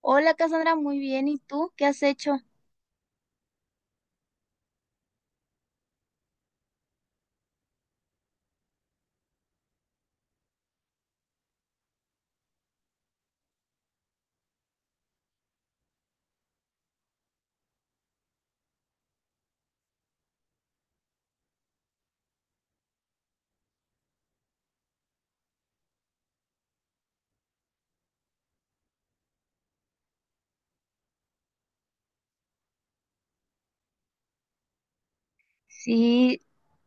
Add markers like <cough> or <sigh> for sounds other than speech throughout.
Hola Cassandra, muy bien. ¿Y tú qué has hecho? Sí,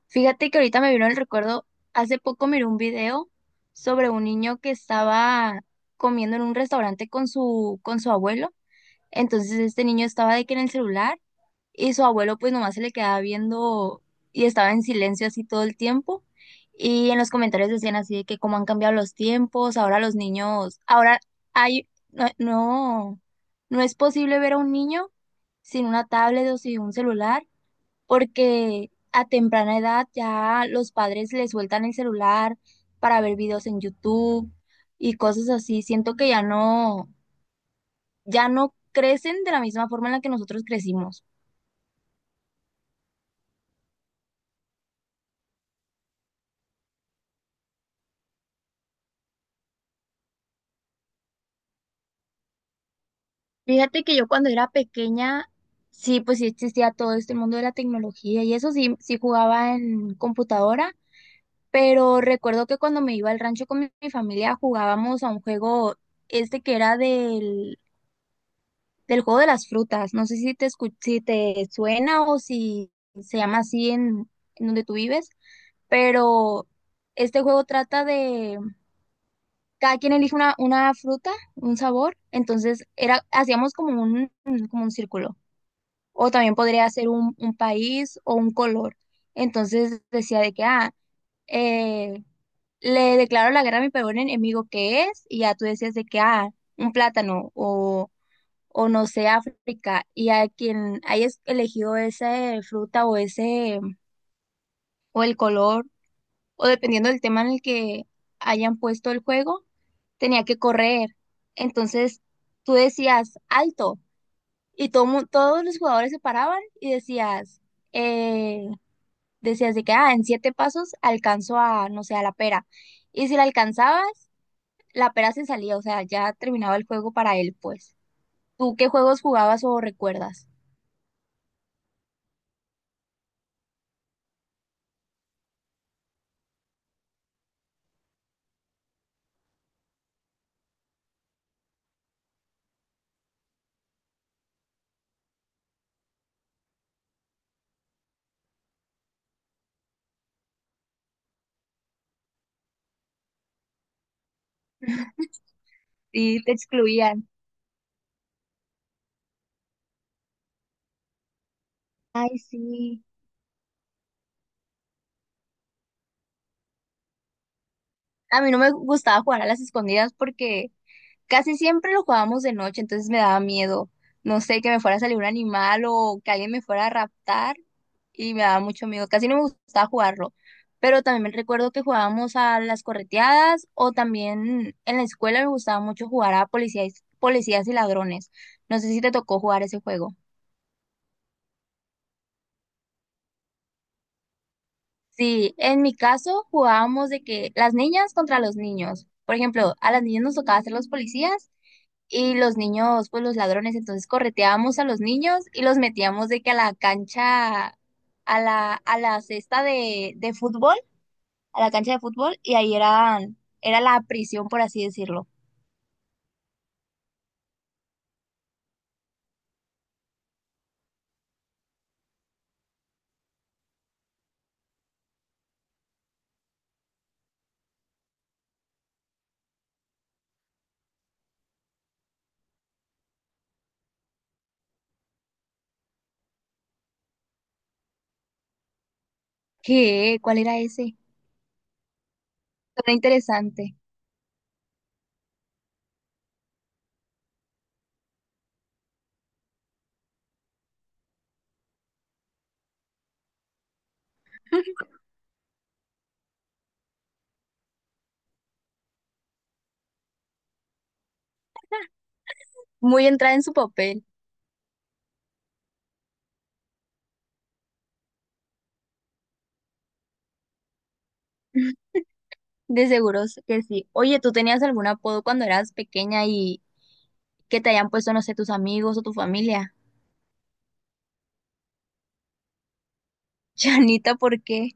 fíjate que ahorita me vino el recuerdo, hace poco miré un video sobre un niño que estaba comiendo en un restaurante con su abuelo. Entonces este niño estaba de que en el celular y su abuelo pues nomás se le quedaba viendo y estaba en silencio así todo el tiempo. Y en los comentarios decían así de que cómo han cambiado los tiempos, ahora los niños, ahora hay, no, no, no es posible ver a un niño sin una tablet o sin un celular, porque a temprana edad ya los padres les sueltan el celular para ver videos en YouTube y cosas así. Siento que ya no crecen de la misma forma en la que nosotros crecimos. Fíjate que yo cuando era pequeña, sí, pues sí existía todo este mundo de la tecnología y eso sí jugaba en computadora. Pero recuerdo que cuando me iba al rancho con mi familia jugábamos a un juego este que era del juego de las frutas. No sé si si te suena o si se llama así en donde tú vives, pero este juego trata de cada quien elige una fruta, un sabor, entonces era, hacíamos como un círculo. O también podría ser un país o un color. Entonces decía de que, ah, eh, le declaro la guerra a mi peor enemigo que es, y ya tú decías de que, ah, un plátano o no sé, África, y a quien haya elegido esa fruta o ese, o el color, o dependiendo del tema en el que hayan puesto el juego, tenía que correr. Entonces tú decías alto, y todo, todos los jugadores se paraban y eh, decías de que, ah, en siete pasos alcanzo a, no sé, a la pera. Y si la alcanzabas, la pera se salía, o sea, ya terminaba el juego para él, pues. ¿Tú qué juegos jugabas o recuerdas? Sí, te excluían. Ay, sí. A mí no me gustaba jugar a las escondidas porque casi siempre lo jugábamos de noche, entonces me daba miedo. No sé, que me fuera a salir un animal o que alguien me fuera a raptar y me daba mucho miedo. Casi no me gustaba jugarlo. Pero también me recuerdo que jugábamos a las correteadas o también en la escuela me gustaba mucho jugar a policías y ladrones. No sé si te tocó jugar ese juego. Sí, en mi caso jugábamos de que las niñas contra los niños. Por ejemplo, a las niñas nos tocaba ser los policías y los niños, pues los ladrones. Entonces correteábamos a los niños y los metíamos de que a la cancha, a la cesta de fútbol, a la cancha de fútbol, y ahí eran, era la prisión, por así decirlo. ¿Qué? ¿Cuál era ese? Suena interesante. Muy entrada en su papel. <laughs> De seguros que sí. Oye, ¿tú tenías algún apodo cuando eras pequeña que te hayan puesto, no sé, tus amigos o tu familia? <laughs> Chanita, ¿por qué?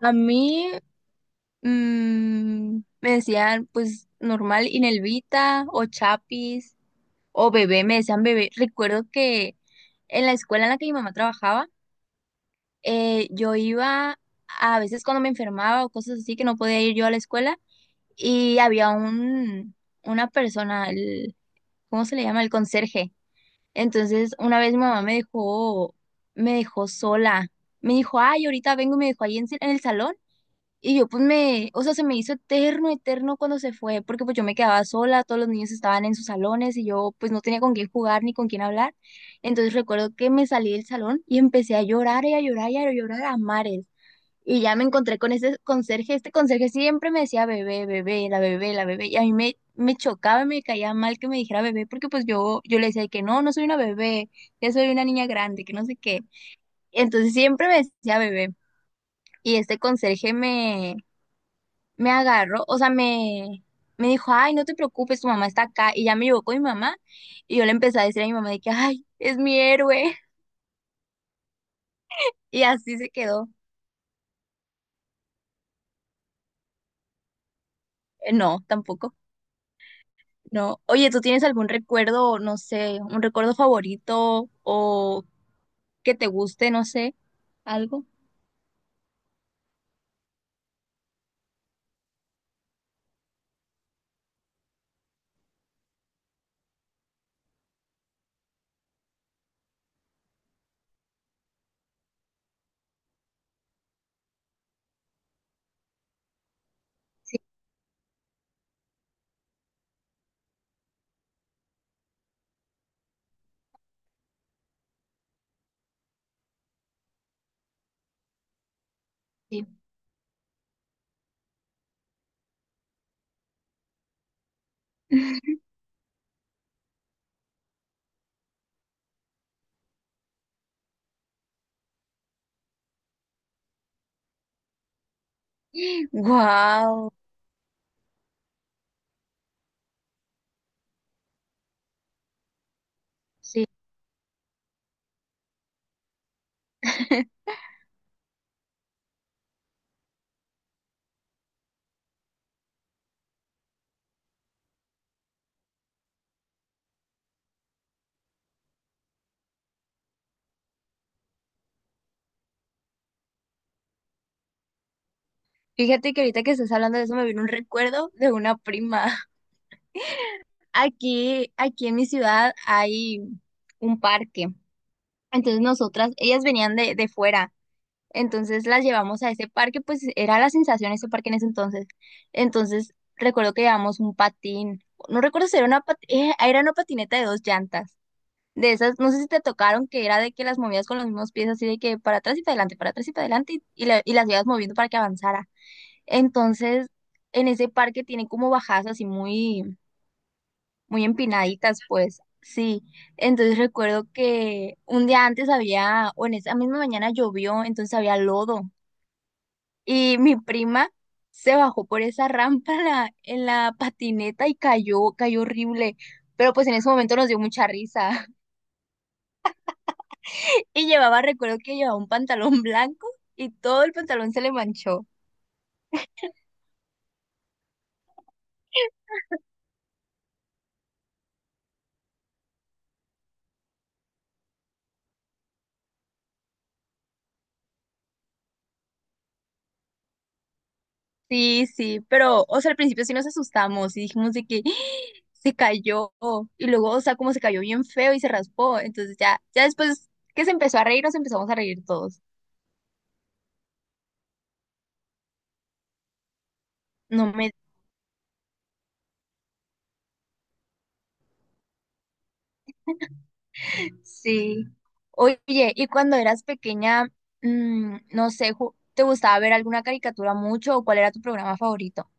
A mí me decían, pues, normal, Inelvita o Chapis o bebé, me decían bebé. Recuerdo que en la escuela en la que mi mamá trabajaba, yo iba a veces cuando me enfermaba o cosas así que no podía ir yo a la escuela y había una persona, ¿cómo se le llama? El conserje. Entonces, una vez mi mamá me dejó sola. Me dijo, ay, ahorita vengo y me dejó ahí en el salón. Y yo pues o sea, se me hizo eterno, eterno cuando se fue, porque pues yo me quedaba sola, todos los niños estaban en sus salones y yo pues no tenía con quién jugar ni con quién hablar. Entonces recuerdo que me salí del salón y empecé a llorar y a llorar y a llorar a mares. Y ya me encontré con ese conserje. Este conserje siempre me decía bebé, bebé, la bebé, la bebé. Y a mí me chocaba, me caía mal que me dijera bebé, porque pues yo le decía que no, no soy una bebé, que soy una niña grande, que no sé qué. Entonces siempre me decía bebé. Y este conserje me agarró, o sea, me dijo, ay, no te preocupes, tu mamá está acá. Y ya me llevó con mi mamá. Y yo le empecé a decir a mi mamá de que, ay, es mi héroe. <laughs> Y así se quedó. No, tampoco. No. Oye, ¿tú tienes algún recuerdo, no sé, un recuerdo favorito o que te guste, no sé, algo? Sí, sí. Wow. Sí. <laughs> Fíjate que ahorita que estás hablando de eso me vino un recuerdo de una prima. <laughs> Aquí en mi ciudad hay un parque. Entonces ellas venían de fuera. Entonces las llevamos a ese parque, pues era la sensación ese parque en ese entonces. Entonces recuerdo que llevamos un patín, no recuerdo si era era una patineta de dos llantas, de esas, no sé si te tocaron, que era de que las movías con los mismos pies, así de que para atrás y para adelante, para atrás y para adelante, y las ibas moviendo para que avanzara. Entonces en ese parque tiene como bajadas así muy, muy empinaditas, pues. Sí, entonces recuerdo que un día antes había, o en esa misma mañana llovió, entonces había lodo y mi prima se bajó por esa rampa en la patineta y cayó, cayó horrible. Pero pues en ese momento nos dio mucha risa. <laughs> Y recuerdo que llevaba un pantalón blanco y todo el pantalón se le manchó. Sí, sí, pero, o sea, al principio sí nos asustamos y dijimos de que <gasps> se cayó. Y luego, o sea, como se cayó bien feo y se raspó. Entonces ya, ya después que se empezó a reír, nos empezamos a reír todos. No me Sí. Oye, ¿y cuando eras pequeña, no sé, te gustaba ver alguna caricatura mucho o cuál era tu programa favorito?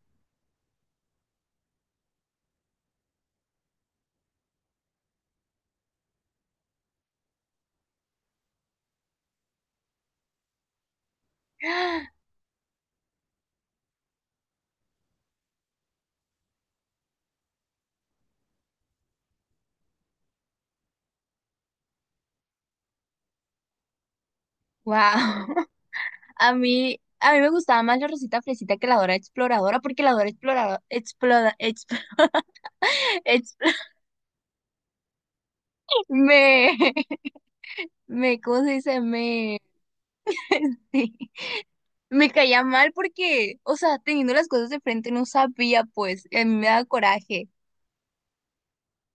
<gasps> Wow. <laughs> A mí me gustaba más la Rosita Fresita que la Dora Exploradora, porque la Dora Exploradora, <laughs> exp- me, ¿cómo se dice? <laughs> Sí, me caía mal porque, o sea, teniendo las cosas de frente no sabía, pues, y a mí me daba coraje.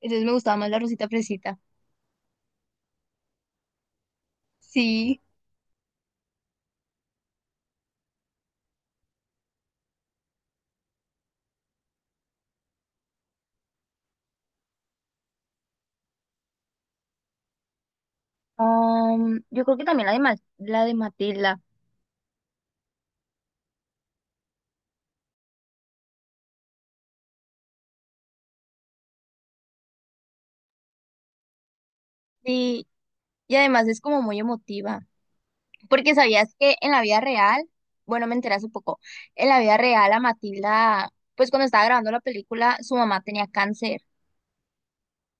Entonces me gustaba más la Rosita Fresita. Sí. Yo creo que también la de, la de Matilda. Sí, y además es como muy emotiva. Porque sabías que en la vida real, bueno, me enteré hace poco, en la vida real a Matilda, pues cuando estaba grabando la película, su mamá tenía cáncer.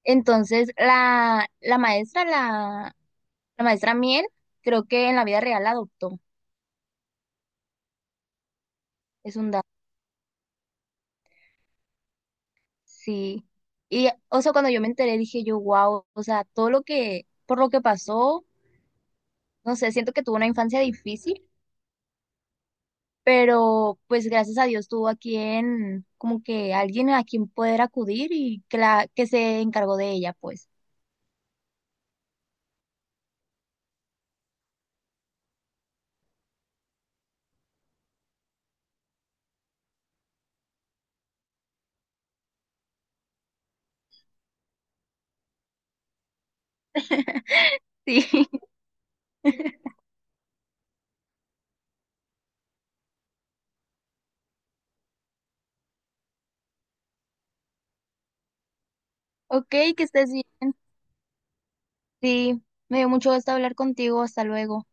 Entonces la maestra Miel, creo que en la vida real la adoptó. Es un dato. Sí. Y, o sea, cuando yo me enteré dije yo, wow, o sea, por lo que pasó, no sé, siento que tuvo una infancia difícil pero pues gracias a Dios tuvo a quien, como que alguien a quien poder acudir y que se encargó de ella, pues. Sí, <laughs> ok, que estés bien. Sí, me dio mucho gusto hablar contigo, hasta luego.